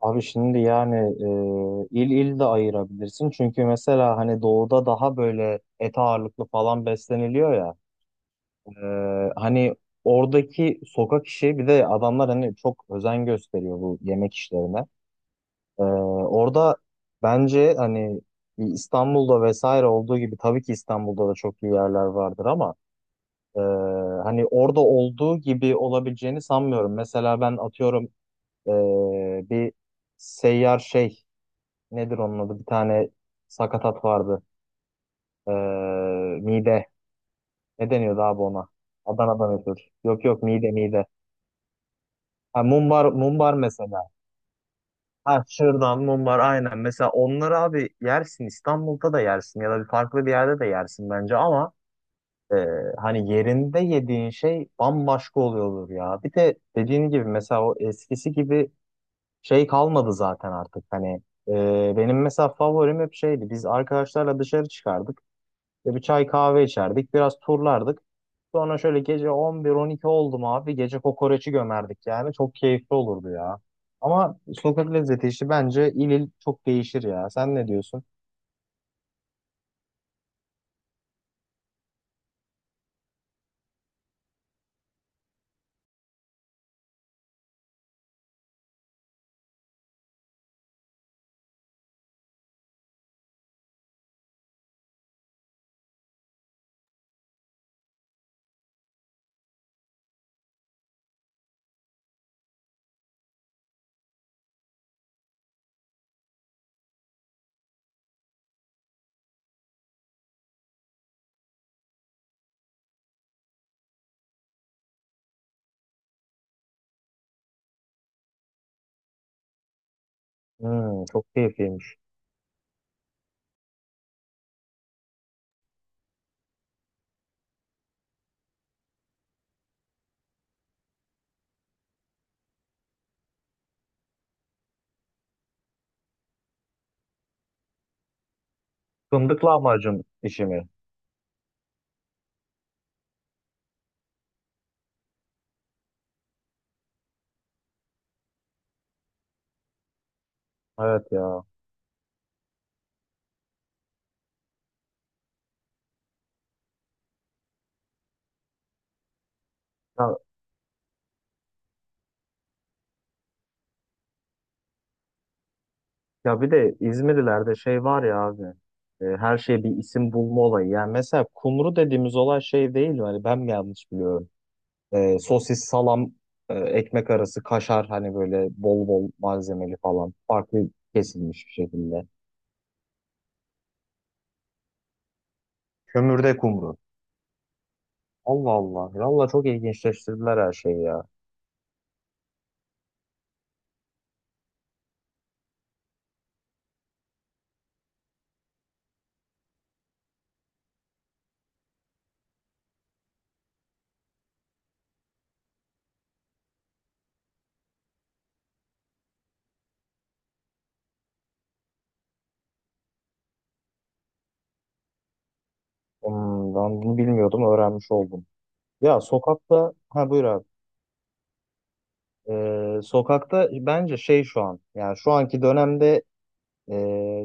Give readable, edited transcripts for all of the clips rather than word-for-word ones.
Abi şimdi yani il il de ayırabilirsin. Çünkü mesela hani doğuda daha böyle et ağırlıklı falan besleniliyor ya. E, hani oradaki sokak işi bir de adamlar hani çok özen gösteriyor bu yemek işlerine. E, orada bence hani İstanbul'da vesaire olduğu gibi tabii ki İstanbul'da da çok iyi yerler vardır ama e, hani orada olduğu gibi olabileceğini sanmıyorum. Mesela ben atıyorum bir seyyar şey nedir onun adı? Bir tane sakatat vardı. Ee, mide. Ne deniyordu abi ona? Adana'dan ötürü. Yok yok mide mide. Ha, mumbar, mumbar mesela. Ha şırdan, mumbar aynen. Mesela onları abi yersin. İstanbul'da da yersin ya da bir farklı bir yerde de yersin bence ama e, hani yerinde yediğin şey bambaşka oluyordur ya. Bir de dediğin gibi mesela o eskisi gibi şey kalmadı zaten artık. Hani benim mesela favorim hep şeydi. Biz arkadaşlarla dışarı çıkardık. İşte bir çay kahve içerdik. Biraz turlardık. Sonra şöyle gece 11-12 oldu mu abi? Gece kokoreçi gömerdik yani. Çok keyifli olurdu ya. Ama sokak lezzeti işi bence il il çok değişir ya. Sen ne diyorsun? Hmm, çok keyifliymiş. Fındık lahmacun işi mi? Evet ya. Ya, ya bir de İzmirlilerde şey var ya abi. Her şeye bir isim bulma olayı. Yani mesela kumru dediğimiz olay şey değil mi? Hani ben mi yanlış biliyorum? E, sosis, salam, ekmek arası, kaşar hani böyle bol bol malzemeli falan. Farklı kesilmiş bir şekilde. Kömürde kumru. Allah Allah. Valla çok ilginçleştirdiler her şeyi ya. Hmm, ben bunu bilmiyordum, öğrenmiş oldum. Ya sokakta, ha buyur abi. Sokakta bence şey şu an, yani şu anki dönemde e,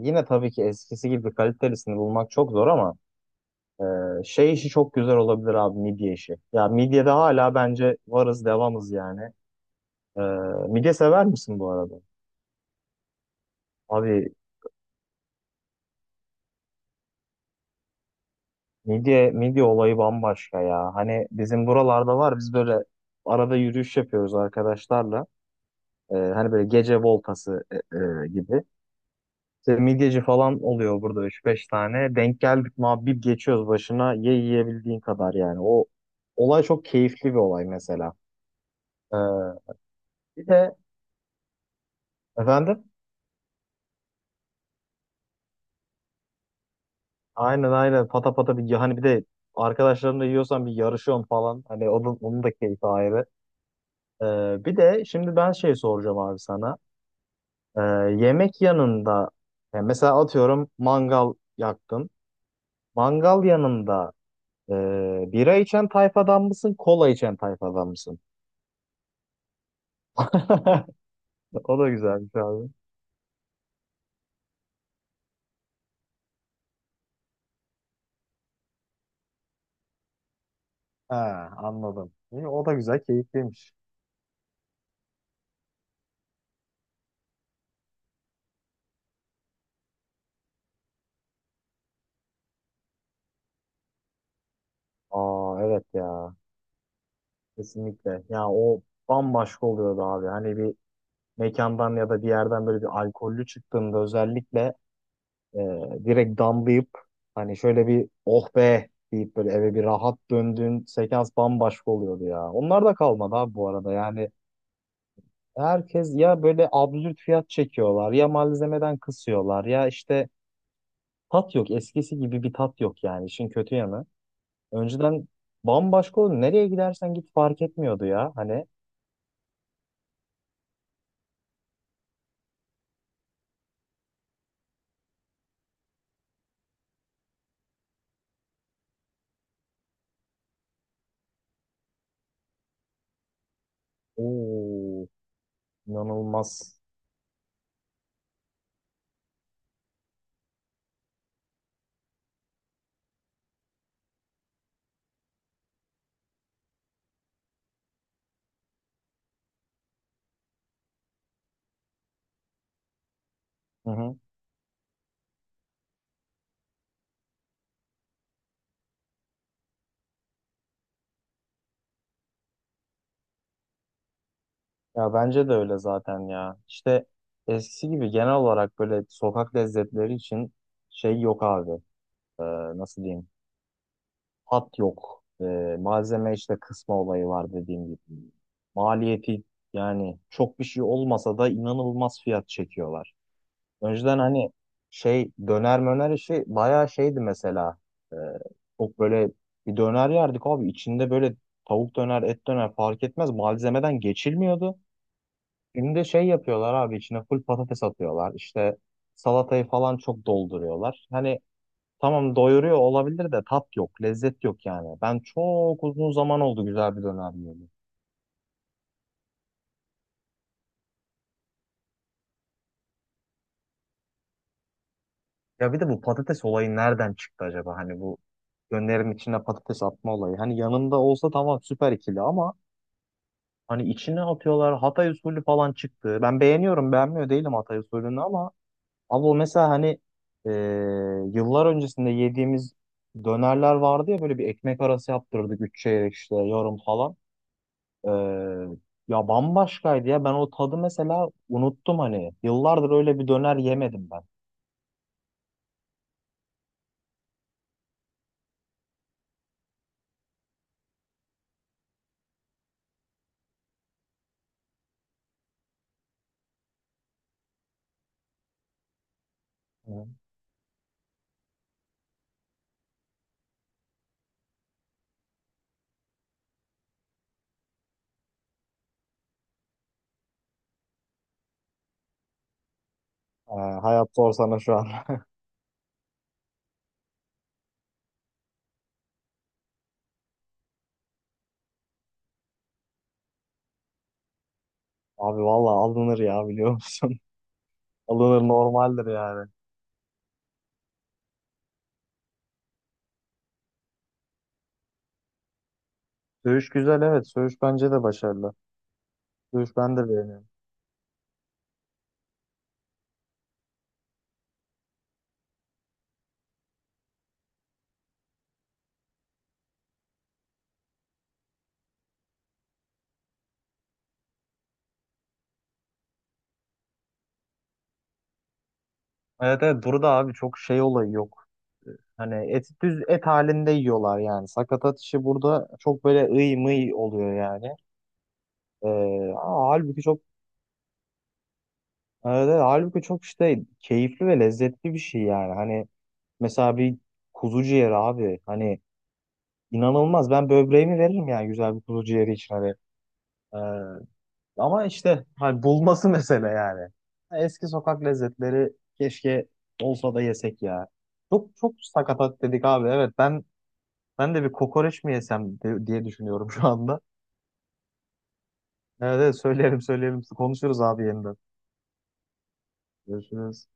yine tabii ki eskisi gibi kalitelisini bulmak çok zor ama şey işi çok güzel olabilir abi midye işi. Ya midyede hala bence varız devamız yani. Ee, Midye sever misin bu arada? Abi midye olayı bambaşka ya. Hani bizim buralarda var. Biz böyle arada yürüyüş yapıyoruz arkadaşlarla. Hani böyle gece voltası gibi. İşte midyeci falan oluyor burada üç beş tane. Denk geldik mi abi bir geçiyoruz başına. Yiyebildiğin kadar yani. O olay çok keyifli bir olay mesela. Ee, bir de Efendim aynen pata pata bir hani bir de arkadaşlarımla yiyorsan bir yarışıyorsun falan. Hani onun, onun da keyfi ayrı. Bir de şimdi ben şey soracağım abi sana. Ee, Yemek yanında yani mesela atıyorum mangal yaktın. Mangal yanında e, bira içen tayfadan mısın, kola içen tayfadan mısın? O da güzelmiş abi. He, Anladım. İyi, o da güzel, keyifliymiş. Aa evet ya kesinlikle. Ya o bambaşka oluyordu abi. Hani bir mekandan ya da bir yerden böyle bir alkollü çıktığında özellikle E, direkt damlayıp hani şöyle bir oh be deyip böyle eve bir rahat döndüğün sekans bambaşka oluyordu ya. Onlar da kalmadı abi bu arada yani herkes ya böyle absürt fiyat çekiyorlar ya malzemeden kısıyorlar ya işte tat yok eskisi gibi bir tat yok yani işin kötü yanı. Önceden bambaşka oldu nereye gidersen git fark etmiyordu ya hani o inanılmaz. Ya bence de öyle zaten ya. İşte eskisi gibi genel olarak böyle sokak lezzetleri için şey yok abi. Ee, Nasıl diyeyim? Hat yok. Malzeme işte kısma olayı var dediğim gibi. Maliyeti yani çok bir şey olmasa da inanılmaz fiyat çekiyorlar. Önceden hani şey döner möner işi bayağı şeydi mesela. Ee, Çok böyle bir döner yerdik abi. İçinde böyle tavuk döner, et döner fark etmez. Malzemeden geçilmiyordu. Şimdi şey yapıyorlar abi içine full patates atıyorlar. İşte salatayı falan çok dolduruyorlar. Hani tamam doyuruyor olabilir de tat yok, lezzet yok yani. Ben çok uzun zaman oldu güzel bir döner yiyeli. Ya bir de bu patates olayı nereden çıktı acaba? Hani bu dönerin içine patates atma olayı. Hani yanında olsa tamam süper ikili ama hani içine atıyorlar. Hatay usulü falan çıktı. Ben beğeniyorum, beğenmiyor değilim Hatay usulünü ama abi o mesela hani e, yıllar öncesinde yediğimiz dönerler vardı ya böyle bir ekmek arası yaptırdık üç çeyrek işte yarım falan. E, Ya bambaşkaydı ya ben o tadı mesela unuttum hani. Yıllardır öyle bir döner yemedim ben. Hı. E, Hayat zor şu an. Abi valla alınır ya biliyor musun? Alınır normaldir yani. Söğüş güzel evet. Söğüş bence de başarılı. Söğüş ben de beğeniyorum. Evet evet burada abi çok şey olayı yok. Hani et düz et halinde yiyorlar yani. Sakatat işi burada çok böyle ıy mıy oluyor yani. Ee, Ama halbuki çok evet, evet, halbuki çok işte keyifli ve lezzetli bir şey yani. Hani mesela bir kuzu ciğeri abi hani inanılmaz. Ben böbreğimi veririm yani güzel bir kuzu ciğeri için hani. Ee, Ama işte hani bulması mesele yani. Eski sokak lezzetleri keşke olsa da yesek ya. Çok çok sakatat dedik abi. Ben de bir kokoreç mi yesem de- diye düşünüyorum şu anda. Evet, evet söyleyelim söyleyelim. Konuşuruz abi yeniden. Görüşürüz.